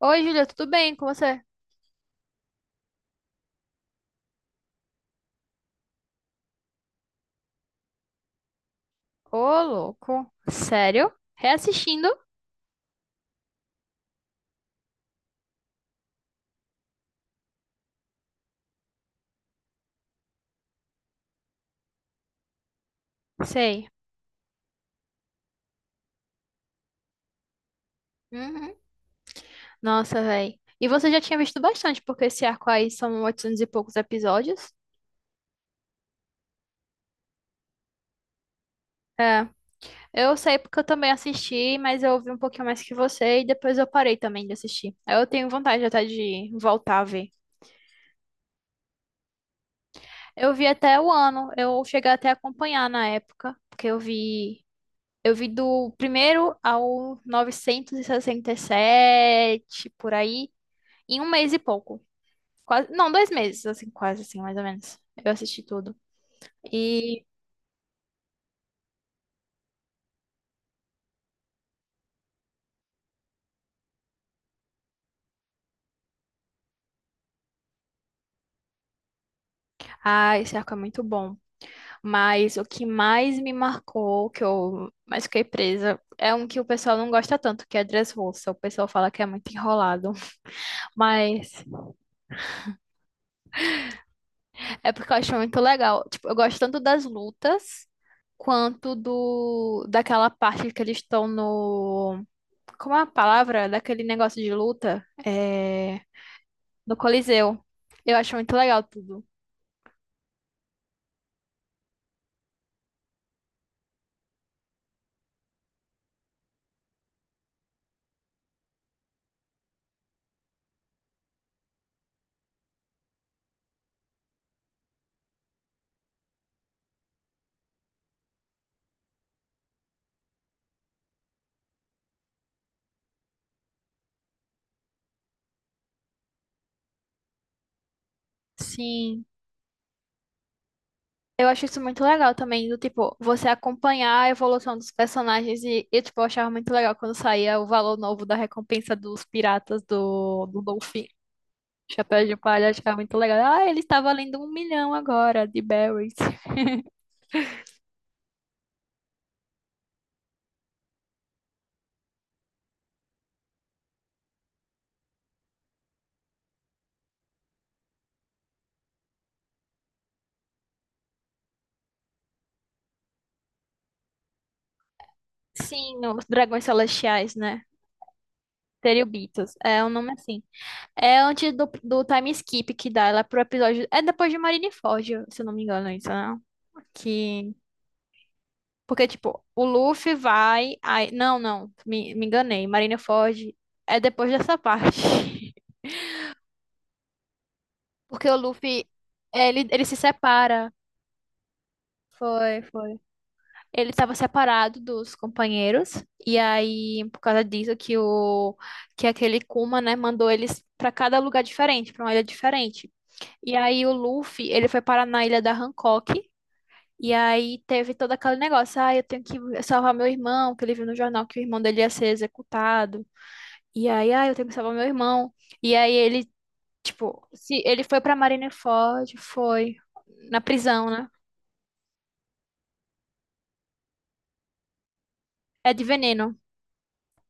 Oi, Júlia, tudo bem com você? Ô, louco. Sério? Reassistindo? Sei. Uhum. Nossa, véi. E você já tinha visto bastante, porque esse arco aí são 800 e poucos episódios. É, eu sei porque eu também assisti, mas eu ouvi um pouquinho mais que você e depois eu parei também de assistir. Eu tenho vontade até de voltar a ver. Eu vi até o ano, eu cheguei até a acompanhar na época, porque eu vi do primeiro ao novecentos e sessenta e sete, por aí, em um mês e pouco. Quase, não, 2 meses, assim, quase assim, mais ou menos. Eu assisti tudo. E, ah, esse arco é muito bom. Mas o que mais me marcou, que eu mais fiquei presa, é um que o pessoal não gosta tanto, que é Dressrosa. O pessoal fala que é muito enrolado. Mas é porque eu acho muito legal. Tipo, eu gosto tanto das lutas, quanto do, daquela parte que eles estão no... Como é a palavra? Daquele negócio de luta? É... no Coliseu. Eu acho muito legal tudo. Sim. Eu acho isso muito legal também, do tipo, você acompanhar a evolução dos personagens e, tipo, eu achava muito legal quando saía o valor novo da recompensa dos piratas do Dolphin. Chapéu de palha, eu achava muito legal. Ah, ele está valendo 1 milhão agora de berries. Sim, os dragões celestiais, né? Teribitos. É um nome assim. É antes do time skip que dá ela pro episódio. É depois de Marineford, se eu não me engano, isso, né? Que Porque, tipo, o Luffy vai. Aí não, não, me enganei. Marineford é depois dessa parte. Porque o Luffy, é, ele se separa. Foi, foi. Ele estava separado dos companheiros. E aí, por causa disso, que o que aquele Kuma, né, mandou eles para cada lugar diferente, para uma ilha diferente. E aí o Luffy, ele foi parar na ilha da Hancock, e aí teve todo aquele negócio: ah, eu tenho que salvar meu irmão, que ele viu no jornal que o irmão dele ia ser executado. E aí, ah, eu tenho que salvar meu irmão. E aí ele, tipo, se ele foi pra Marineford, foi na prisão, né? É de veneno,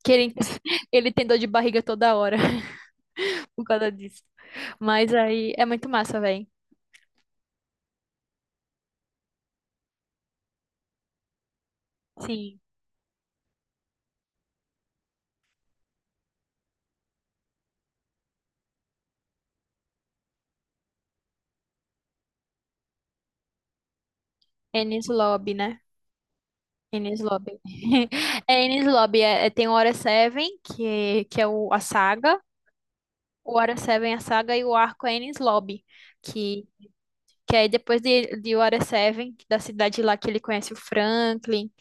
que ele, ele tem dor de barriga toda hora por causa disso. Mas aí é muito massa, velho. Sim, Enies Lobby, né? Enies Lobby. É Enies Lobby, tem o Water Seven, que é o, a saga. O Water Seven, a saga, e o arco é Enies Lobby, que, aí depois de Water Seven, da cidade lá que ele conhece o Franklin,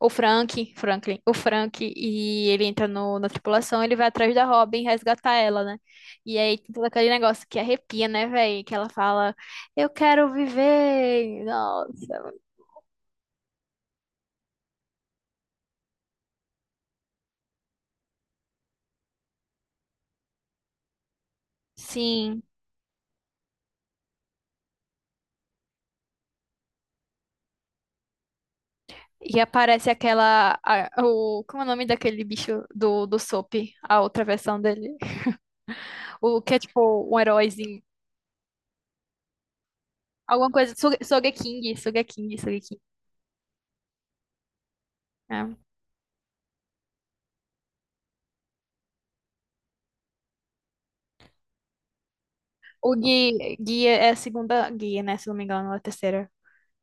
o Frank, Franklin, o Frank, e ele entra no, na tripulação, ele vai atrás da Robin resgatar ela, né? E aí tem todo aquele negócio que arrepia, né, velho? Que ela fala, eu quero viver, nossa, sim. E aparece aquela, a- o, como é o nome daquele bicho do, Soap, a outra versão dele? O que é tipo um heróizinho. Alguma coisa. Soge- Sogeking, Sogeking, Sogeking. É. O Gui é a segunda guia, né? Se não me engano, ou a terceira.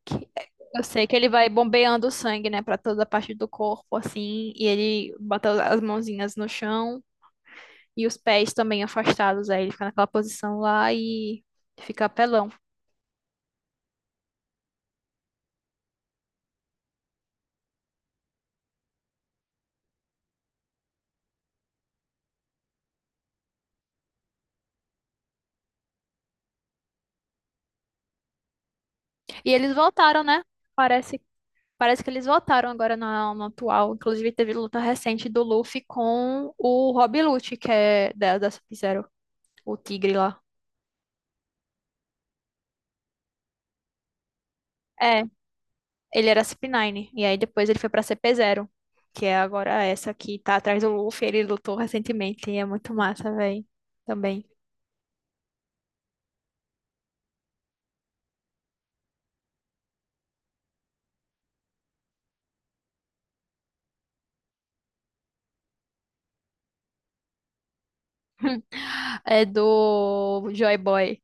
Que- Eu sei que ele vai bombeando o sangue, né? Pra toda a parte do corpo, assim. E ele bota as mãozinhas no chão e os pés também afastados. Aí ele fica naquela posição lá e fica apelão. E eles voltaram, né? Parece, parece que eles voltaram agora no atual. Inclusive, teve luta recente do Luffy com o Rob Lute, que é da Sub-Zero, o tigre lá. É, ele era CP9, e aí depois ele foi pra CP0, que é agora essa que tá atrás do Luffy, ele lutou recentemente, e é muito massa, velho, também. É do Joy Boy.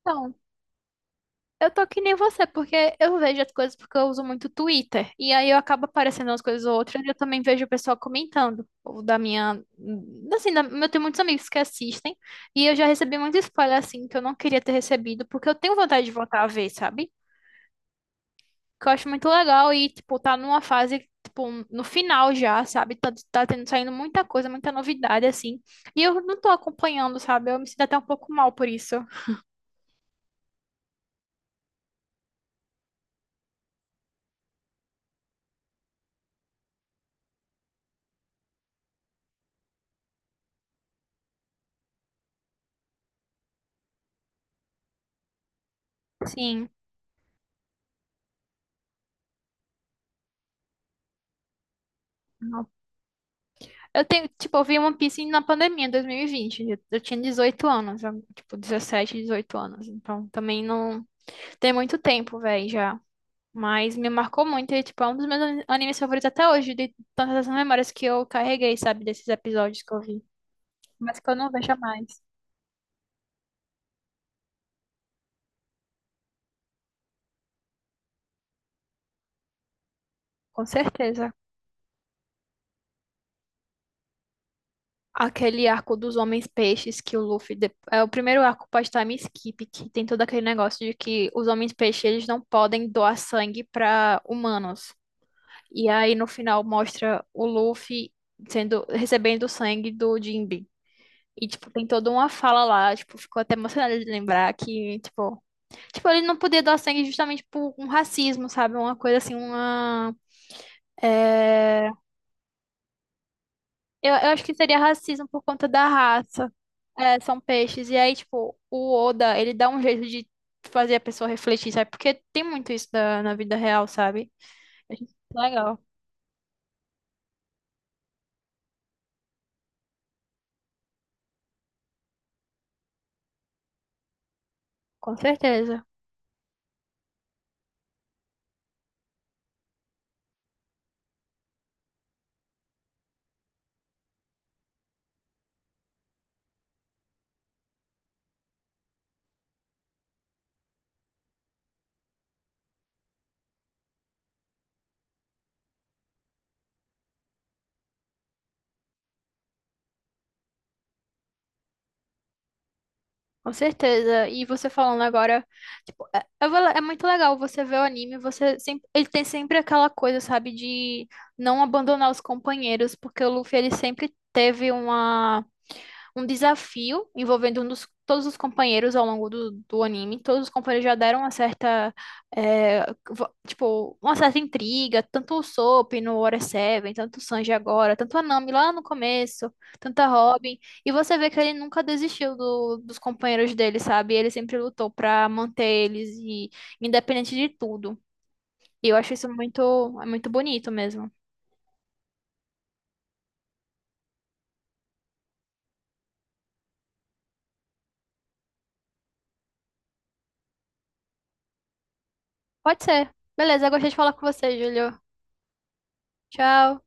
Então, eu tô que nem você, porque eu vejo as coisas porque eu uso muito Twitter. E aí eu acabo aparecendo umas coisas ou outras e eu também vejo o pessoal comentando. Ou da minha. Assim, eu tenho muitos amigos que assistem. E eu já recebi muito spoiler, assim, que eu não queria ter recebido, porque eu tenho vontade de voltar a ver, sabe? Que eu acho muito legal e, tipo, tá numa fase, tipo, no final já, sabe? Tá tendo, saindo muita coisa, muita novidade, assim. E eu não tô acompanhando, sabe? Eu me sinto até um pouco mal por isso. Sim. Eu tenho, tipo, eu vi One Piece na pandemia, em 2020. Eu tinha 18 anos, tipo, 17, 18 anos. Então, também não tem muito tempo, velho, já. Mas me marcou muito e, tipo, é um dos meus animes favoritos até hoje, de tantas memórias que eu carreguei, sabe, desses episódios que eu vi. Mas que eu não vejo mais, com certeza. Aquele arco dos homens peixes que o Luffy. É o primeiro arco pós-time skip, que tem todo aquele negócio de que os homens peixes eles não podem doar sangue para humanos. E aí no final mostra o Luffy sendo recebendo o sangue do Jinbe. E, tipo, tem toda uma fala lá, tipo, ficou até emocionada de lembrar que, tipo, tipo, ele não poder doar sangue justamente por um racismo, sabe? Uma coisa assim, uma. É... Eu acho que seria racismo por conta da raça. É, são peixes. E aí, tipo, o Oda, ele dá um jeito de fazer a pessoa refletir, sabe? Porque tem muito isso na vida real, sabe? Eu acho isso legal. Com certeza. Com certeza. E você falando agora, tipo, é muito legal você ver o anime, você sempre, ele tem sempre aquela coisa, sabe, de não abandonar os companheiros, porque o Luffy ele sempre teve uma um desafio envolvendo um todos os companheiros ao longo do, anime. Todos os companheiros já deram uma certa, tipo, uma certa intriga, tanto o Soap no Water Seven, tanto o Sanji agora, tanto a Nami lá no começo, tanto a Robin. E você vê que ele nunca desistiu dos companheiros dele, sabe? Ele sempre lutou pra manter eles e independente de tudo. E eu acho isso muito, é muito bonito mesmo. Pode ser. Beleza, eu gostei de falar com você, Júlio. Tchau.